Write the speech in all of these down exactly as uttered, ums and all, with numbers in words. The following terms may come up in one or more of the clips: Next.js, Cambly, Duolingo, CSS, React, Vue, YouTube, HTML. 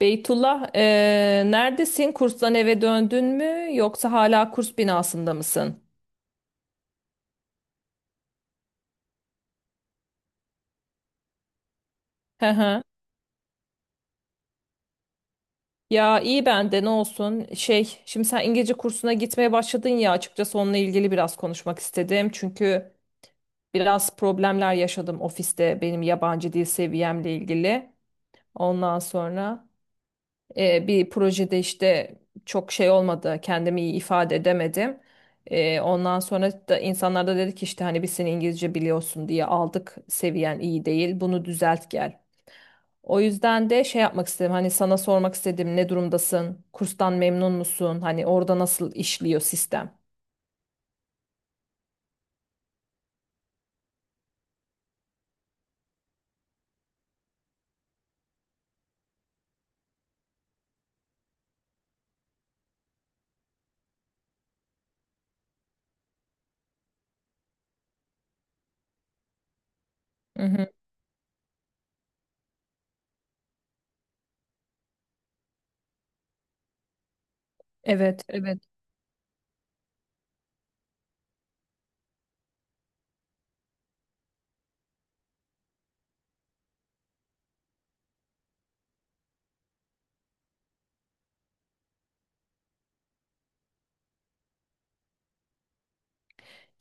Beytullah, e, neredesin? Kurstan eve döndün mü? Yoksa hala kurs binasında mısın? Hı hı. Ya iyi ben de ne olsun. Şey, şimdi sen İngilizce kursuna gitmeye başladın ya. Açıkçası onunla ilgili biraz konuşmak istedim. Çünkü biraz problemler yaşadım ofiste benim yabancı dil seviyemle ilgili. Ondan sonra. E, bir projede işte çok şey olmadı, kendimi iyi ifade edemedim. E, ondan sonra da insanlar da dedi ki işte hani biz seni İngilizce biliyorsun diye aldık, seviyen iyi değil, bunu düzelt gel. O yüzden de şey yapmak istedim hani sana sormak istedim ne durumdasın, kurstan memnun musun, hani orada nasıl işliyor sistem? Hı hı. Evet, evet.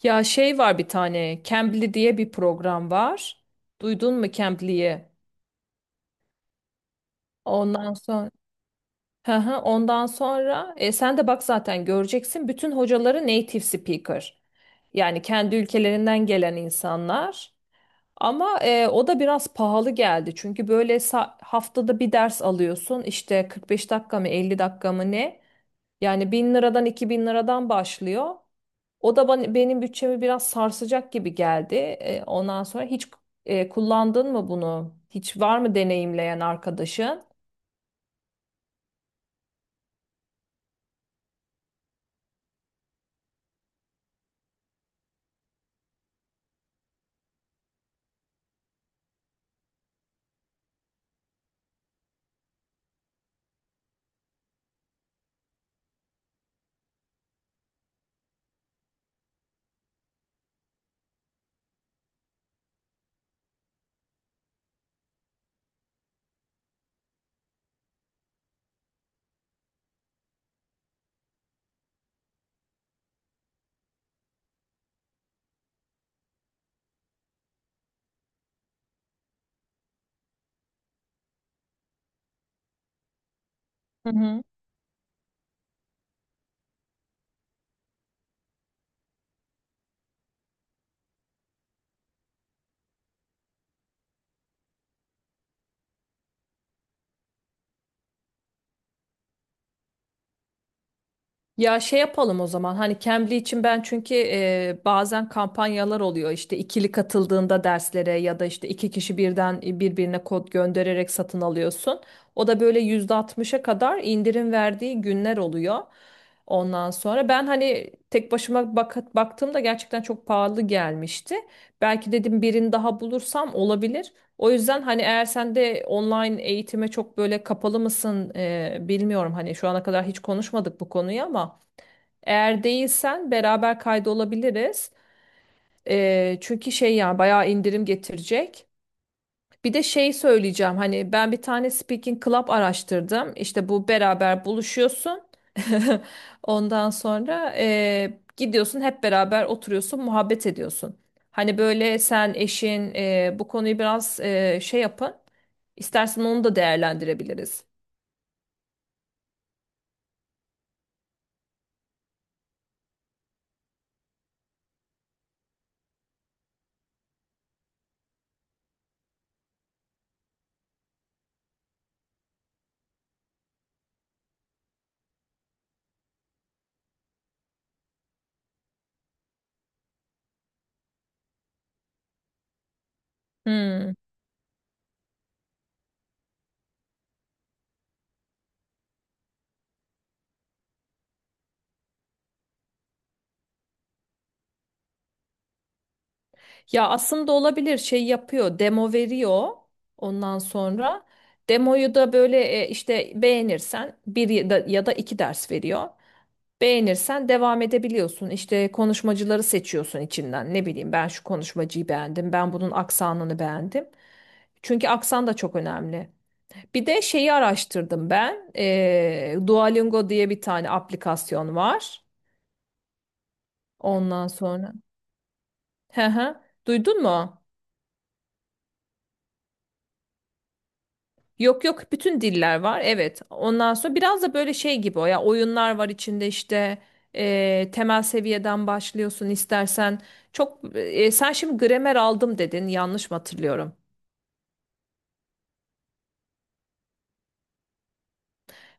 Ya şey var bir tane, Cambly diye bir program var. Duydun mu Cambly'yi? Ondan sonra, hı hı, ondan sonra e, sen de bak zaten göreceksin bütün hocaları native speaker. Yani kendi ülkelerinden gelen insanlar. Ama e, o da biraz pahalı geldi. Çünkü böyle sa- haftada bir ders alıyorsun. İşte kırk beş dakika mı elli dakika mı ne? Yani bin liradan iki bin liradan başlıyor. O da bana, benim bütçemi biraz sarsacak gibi geldi. E, ondan sonra hiç e, kullandın mı bunu? Hiç var mı deneyimleyen arkadaşın? Hı hı. Ya şey yapalım o zaman hani Cambly için ben çünkü e, bazen kampanyalar oluyor işte ikili katıldığında derslere ya da işte iki kişi birden e, birbirine kod göndererek satın alıyorsun. O da böyle yüzde altmışa kadar indirim verdiği günler oluyor. Ondan sonra ben hani tek başıma bak baktığımda gerçekten çok pahalı gelmişti. Belki dedim birini daha bulursam olabilir. O yüzden hani eğer sen de online eğitime çok böyle kapalı mısın e, bilmiyorum. Hani şu ana kadar hiç konuşmadık bu konuyu ama eğer değilsen beraber kaydolabiliriz. E, çünkü şey yani bayağı indirim getirecek. Bir de şey söyleyeceğim hani ben bir tane speaking club araştırdım. İşte bu beraber buluşuyorsun. Ondan sonra eee, gidiyorsun hep beraber oturuyorsun muhabbet ediyorsun. Hani böyle sen eşin eee, bu konuyu biraz eee, şey yapın. İstersen onu da değerlendirebiliriz. Hmm. Ya aslında olabilir şey yapıyor demo veriyor ondan sonra demoyu da böyle e, işte beğenirsen bir ya da, ya da iki ders veriyor. Beğenirsen devam edebiliyorsun işte konuşmacıları seçiyorsun içinden ne bileyim ben şu konuşmacıyı beğendim ben bunun aksanını beğendim. Çünkü aksan da çok önemli. Bir de şeyi araştırdım ben E, Duolingo diye bir tane aplikasyon var ondan sonra. Hı hı. Duydun mu? Yok yok bütün diller var evet ondan sonra biraz da böyle şey gibi o ya oyunlar var içinde işte e, temel seviyeden başlıyorsun istersen çok e, sen şimdi gramer aldım dedin yanlış mı hatırlıyorum?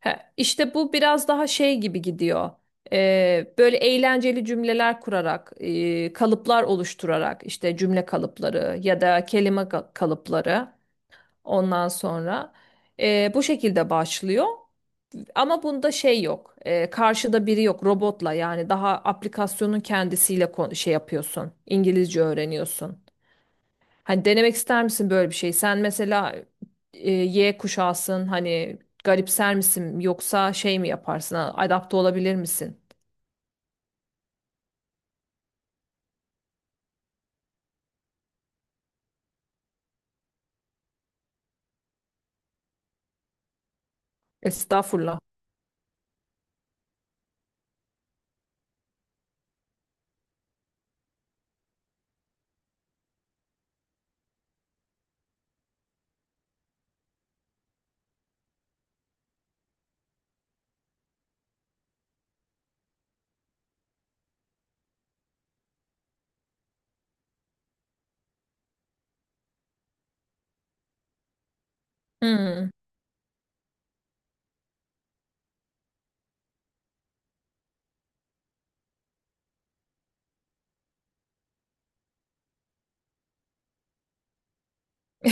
He, işte bu biraz daha şey gibi gidiyor. E, böyle eğlenceli cümleler kurarak e, kalıplar oluşturarak işte cümle kalıpları ya da kelime ka- kalıpları ondan sonra e, bu şekilde başlıyor. Ama bunda şey yok. e, karşıda biri yok robotla yani daha aplikasyonun kendisiyle kon- şey yapıyorsun. İngilizce öğreniyorsun. Hani denemek ister misin böyle bir şey? Sen mesela e, Y kuşağısın hani garipser misin yoksa şey mi yaparsın? ha, Adapte olabilir misin? Estağfurullah. Hmm.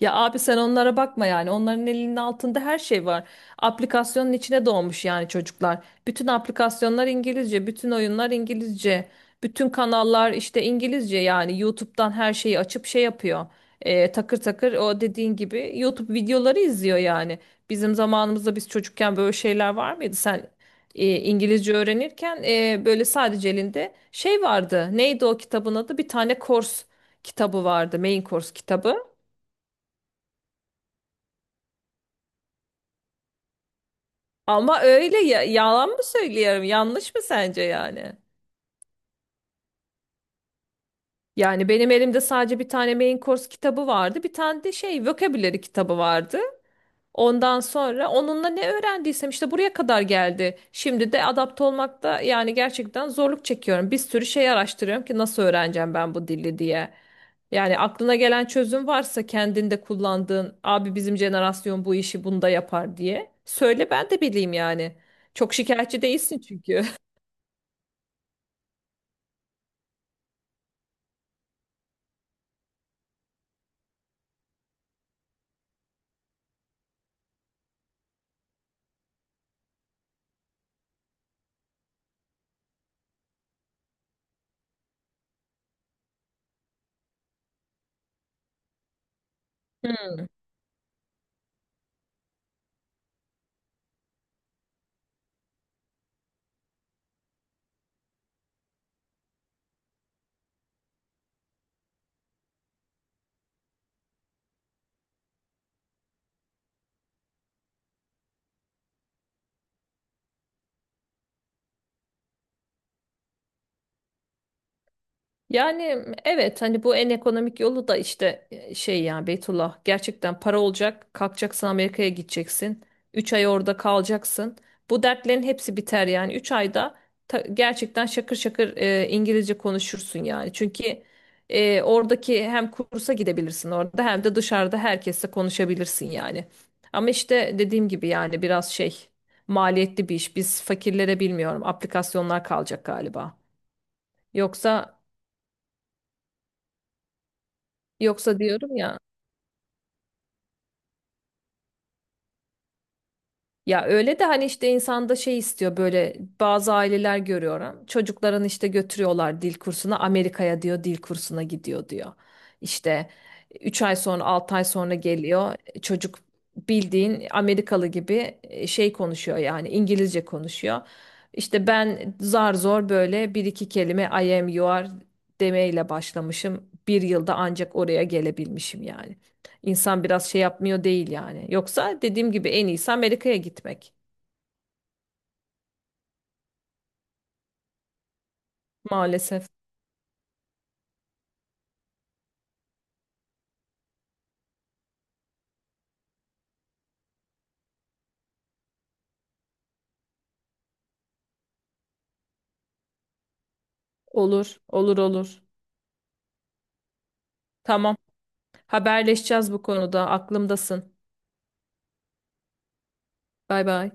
Ya abi sen onlara bakma yani. Onların elinin altında her şey var. Aplikasyonun içine doğmuş yani çocuklar. Bütün aplikasyonlar İngilizce, bütün oyunlar İngilizce, bütün kanallar işte İngilizce yani YouTube'dan her şeyi açıp şey yapıyor. Ee, takır takır o dediğin gibi YouTube videoları izliyor yani. Bizim zamanımızda biz çocukken böyle şeyler var mıydı? Sen e, İngilizce öğrenirken e, böyle sadece elinde şey vardı. Neydi o kitabın adı? Bir tane kors kitabı vardı. Main course kitabı. Ama öyle ya, yalan mı söylüyorum? Yanlış mı sence yani? Yani benim elimde sadece bir tane main course kitabı vardı. Bir tane de şey vocabulary kitabı vardı. Ondan sonra onunla ne öğrendiysem işte buraya kadar geldi. Şimdi de adapte olmakta yani gerçekten zorluk çekiyorum. Bir sürü şey araştırıyorum ki nasıl öğreneceğim ben bu dili diye. Yani aklına gelen çözüm varsa kendinde kullandığın abi bizim jenerasyon bu işi bunda yapar diye. Söyle ben de bileyim yani. Çok şikayetçi değilsin çünkü. Yani evet hani bu en ekonomik yolu da işte e, şey ya Beytullah gerçekten para olacak kalkacaksın Amerika'ya gideceksin üç ay orada kalacaksın bu dertlerin hepsi biter yani üç ayda ta- gerçekten şakır şakır e, İngilizce konuşursun yani çünkü e, oradaki hem kursa gidebilirsin orada hem de dışarıda herkesle konuşabilirsin yani ama işte dediğim gibi yani biraz şey maliyetli bir iş biz fakirlere bilmiyorum aplikasyonlar kalacak galiba yoksa Yoksa diyorum ya ya öyle de hani işte insanda şey istiyor böyle bazı aileler görüyorum. Çocuklarını işte götürüyorlar dil kursuna Amerika'ya diyor dil kursuna gidiyor diyor. İşte üç ay sonra altı ay sonra geliyor çocuk bildiğin Amerikalı gibi e, şey konuşuyor yani İngilizce konuşuyor. İşte ben zar zor böyle bir iki kelime I am you are demeyle başlamışım. Bir yılda ancak oraya gelebilmişim yani. İnsan biraz şey yapmıyor değil yani. Yoksa dediğim gibi en iyisi Amerika'ya gitmek. Maalesef. Olur, olur, olur. Tamam. Haberleşeceğiz bu konuda. Aklımdasın. Bay bay.